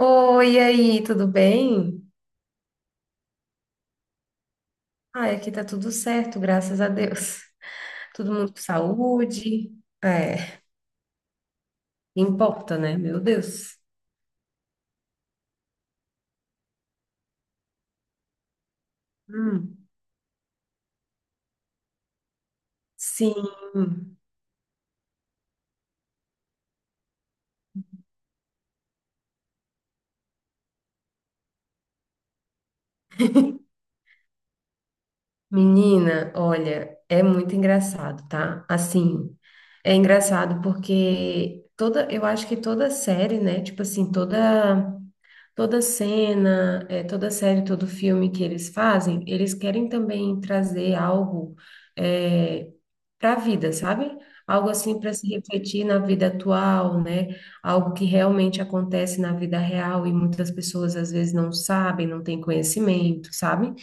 Oi, e aí, tudo bem? Ai, aqui tá tudo certo, graças a Deus. Todo mundo com saúde. É, importa, né? Meu Deus. Hum, sim, menina, olha, é muito engraçado, tá? Assim, é engraçado porque toda, eu acho que toda série, né? Tipo assim, toda cena, toda série, todo filme que eles fazem, eles querem também trazer algo para a vida, sabe? Algo assim para se refletir na vida atual, né? Algo que realmente acontece na vida real e muitas pessoas às vezes não sabem, não têm conhecimento, sabe?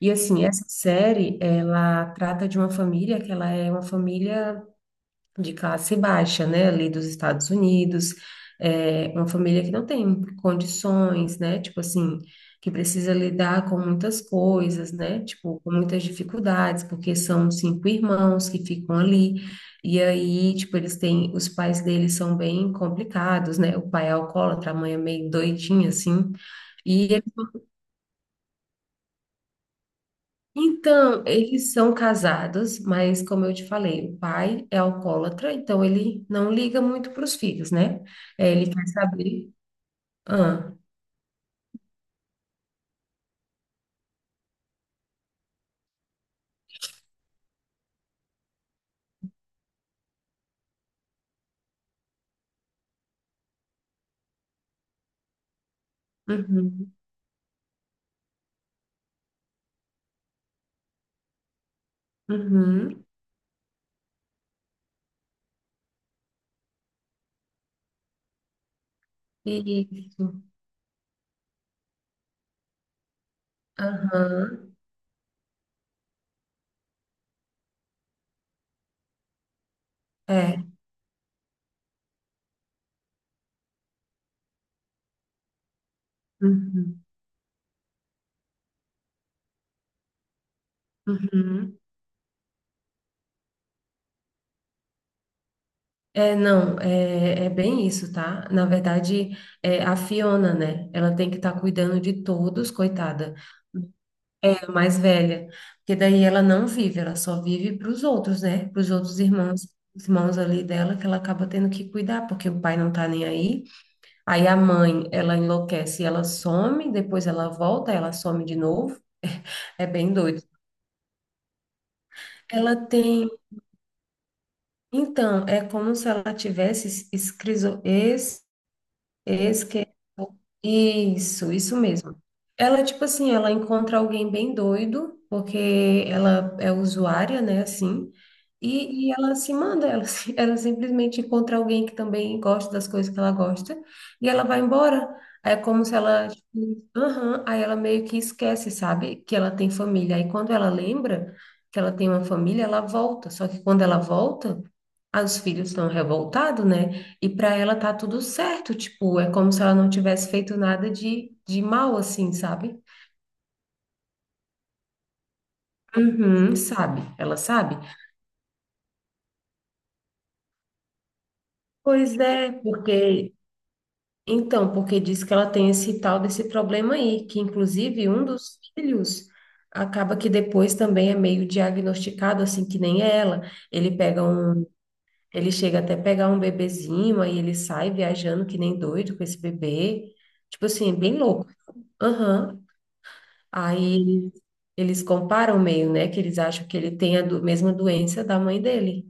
E assim, essa série, ela trata de uma família que ela é uma família de classe baixa, né, ali dos Estados Unidos, é, uma família que não tem condições, né, tipo assim, que precisa lidar com muitas coisas, né, tipo, com muitas dificuldades, porque são cinco irmãos que ficam ali, e aí, tipo, eles têm, os pais deles são bem complicados, né, o pai é alcoólatra, a mãe é meio doidinha, assim, e eles então, eles são casados, mas como eu te falei, o pai é alcoólatra, então ele não liga muito para os filhos, né? É, ele quer saber. Ah, uhum, uhum, isso, aham, é, uhum, uhum. É, não, é, é bem isso, tá? Na verdade, é, a Fiona, né? Ela tem que estar cuidando de todos, coitada. Mais velha, porque daí ela não vive, ela só vive para os outros, né? Para os outros irmãos, os irmãos ali dela, que ela acaba tendo que cuidar, porque o pai não tá nem aí. Aí a mãe, ela enlouquece, e ela some, depois ela volta, ela some de novo. É bem doido. Ela tem, então, é como se ela tivesse esquerda. Isso mesmo. Ela, tipo assim, ela encontra alguém bem doido, porque ela é usuária, né, assim, e ela se manda, ela, ela simplesmente encontra alguém que também gosta das coisas que ela gosta, e ela vai embora. Aí é como se ela, tipo, aham, aí ela meio que esquece, sabe, que ela tem família. Aí quando ela lembra que ela tem uma família, ela volta. Só que quando ela volta, aí os filhos estão revoltados, né? E para ela tá tudo certo, tipo, é como se ela não tivesse feito nada de mal, assim, sabe? Uhum, sabe, ela sabe. Pois é, porque. Então, porque diz que ela tem esse tal desse problema aí, que inclusive um dos filhos acaba que depois também é meio diagnosticado, assim, que nem ela. Ele pega um. Ele chega até pegar um bebezinho, aí ele sai viajando que nem doido com esse bebê. Tipo assim, é bem louco. Aham. Aí eles comparam meio, né? Que eles acham que ele tem a mesma doença da mãe dele.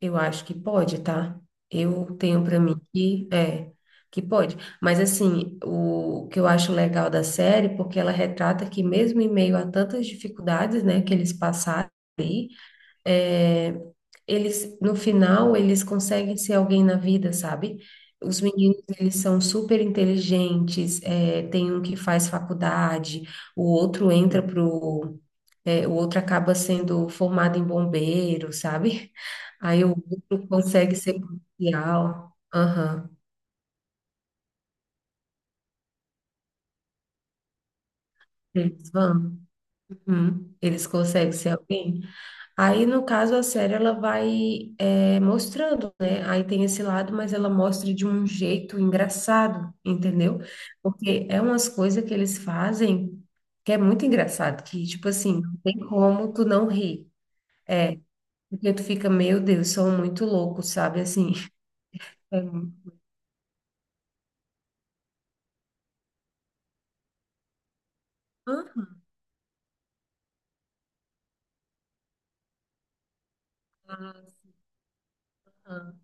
Eu acho que pode, tá? Eu tenho pra mim que é que pode. Mas assim, o que eu acho legal da série, porque ela retrata que mesmo em meio a tantas dificuldades, né, que eles passaram aí, é, eles no final eles conseguem ser alguém na vida, sabe? Os meninos, eles são super inteligentes, é, tem um que faz faculdade, o outro entra pro é, o outro acaba sendo formado em bombeiro, sabe? Aí o outro consegue ser policial. Aham. Eles vão. Uhum. Eles conseguem ser alguém. Aí, no caso, a série ela vai é, mostrando, né? Aí tem esse lado, mas ela mostra de um jeito engraçado, entendeu? Porque é umas coisas que eles fazem que é muito engraçado, que, tipo assim, não tem como tu não rir. Porque tu fica, meu Deus, são muito loucos, sabe? Assim, é muito. Aham.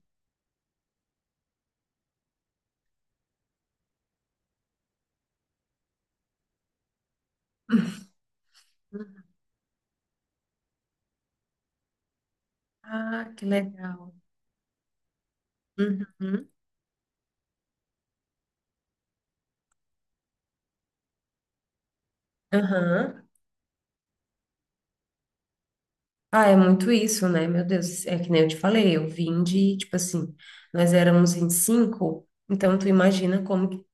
Ah, que legal. Uhum. Aham. Ah, é muito isso, né? Meu Deus, é que nem eu te falei, eu vim de, tipo assim, nós éramos 25, então tu imagina como,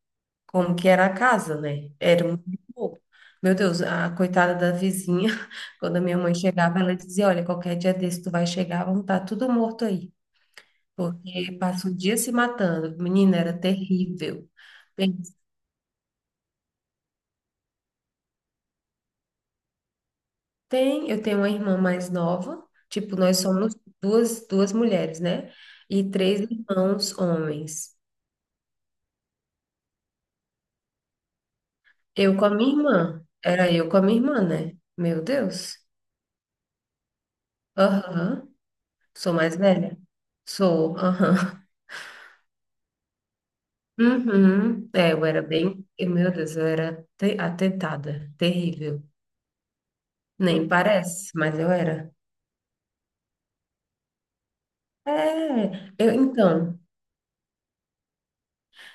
como que era a casa, né? Era muito pouco. Meu Deus, a coitada da vizinha, quando a minha mãe chegava, ela dizia, olha, qualquer dia desse tu vai chegar, vão estar tudo morto aí, porque passa o dia se matando. Menina, era terrível. Tem, eu tenho uma irmã mais nova, tipo, nós somos duas, duas mulheres, né? E três irmãos homens. Eu com a minha irmã, era eu com a minha irmã, né? Meu Deus. Aham. Sou mais velha? Sou, aham. Uhum. É, eu era bem, e, meu Deus, eu era atentada, terrível. Nem parece, mas eu era. É, eu, então,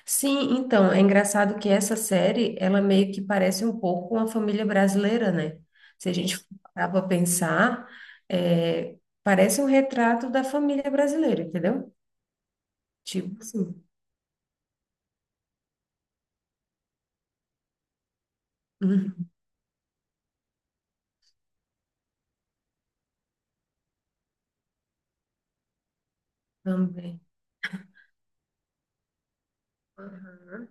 sim, então, é engraçado que essa série, ela meio que parece um pouco uma família brasileira, né? Se a gente parar para pensar, é, parece um retrato da família brasileira, entendeu? Tipo assim. Uhum, também. Aham,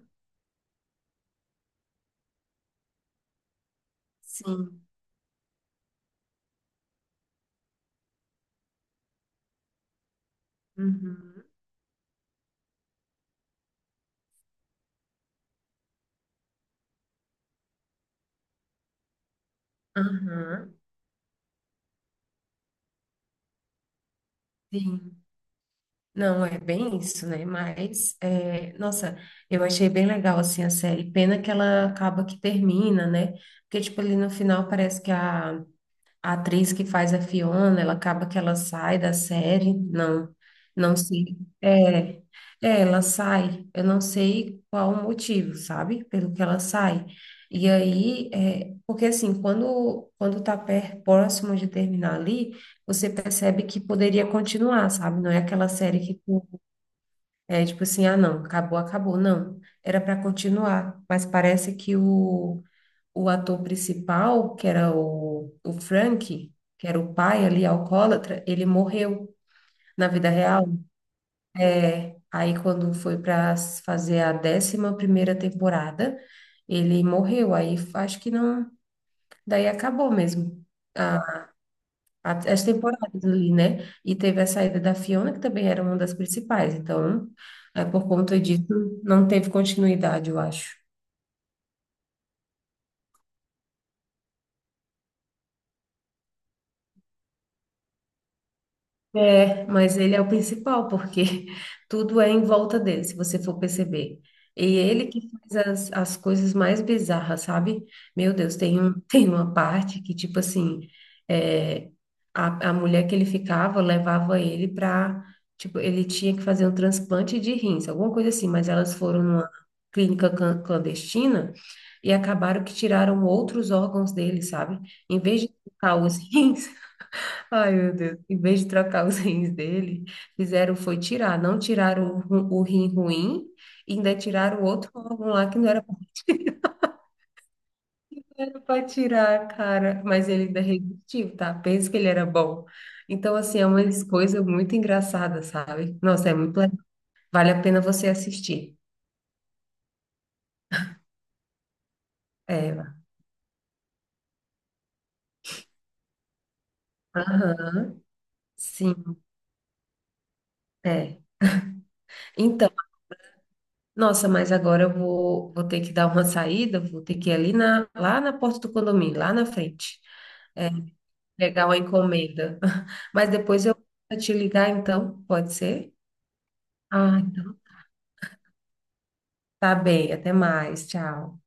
sim. Uhum. Aham, sim. Não, é bem isso, né? Mas, é, nossa, eu achei bem legal, assim, a série. Pena que ela acaba que termina, né? Porque, tipo, ali no final parece que a atriz que faz a Fiona, ela acaba que ela sai da série, não, não sei. É, é, ela sai, eu não sei qual o motivo, sabe? Pelo que ela sai. E aí, é, porque assim, quando tá próximo de terminar ali, você percebe que poderia continuar, sabe? Não é aquela série que é tipo assim, ah, não, acabou, acabou, não. Era para continuar, mas parece que o ator principal, que era o Frank, que era o pai ali, alcoólatra, ele morreu na vida real. É. Aí, quando foi para fazer a 11ª temporada, ele morreu. Aí, acho que não. Daí acabou mesmo. a- As temporadas ali, né? E teve a saída da Fiona, que também era uma das principais. Então, é, por conta disso, não teve continuidade, eu acho. É, mas ele é o principal, porque tudo é em volta dele, se você for perceber. E ele que faz as coisas mais bizarras, sabe? Meu Deus, tem um, tem uma parte que, tipo assim, é, a mulher que ele ficava levava ele pra. Tipo, ele tinha que fazer um transplante de rins, alguma coisa assim, mas elas foram numa clínica clandestina e acabaram que tiraram outros órgãos dele, sabe? Em vez de colocar os rins. Ai, meu Deus. Em vez de trocar os rins dele, fizeram foi tirar. Não tiraram o rim ruim, ainda tiraram o outro órgão lá que não era para tirar, cara. Mas ele ainda resistiu, tá? Pensa que ele era bom. Então, assim, é uma coisa muito engraçada, sabe? Nossa, é muito legal. Vale a pena você assistir. É. Aham, sim, é. Então, nossa, mas agora eu vou ter que dar uma saída, vou ter que ir ali na, lá na porta do condomínio, lá na frente. Legal a encomenda. Mas depois eu vou te ligar, então, pode ser? Ah, então. Tá bem, até mais. Tchau.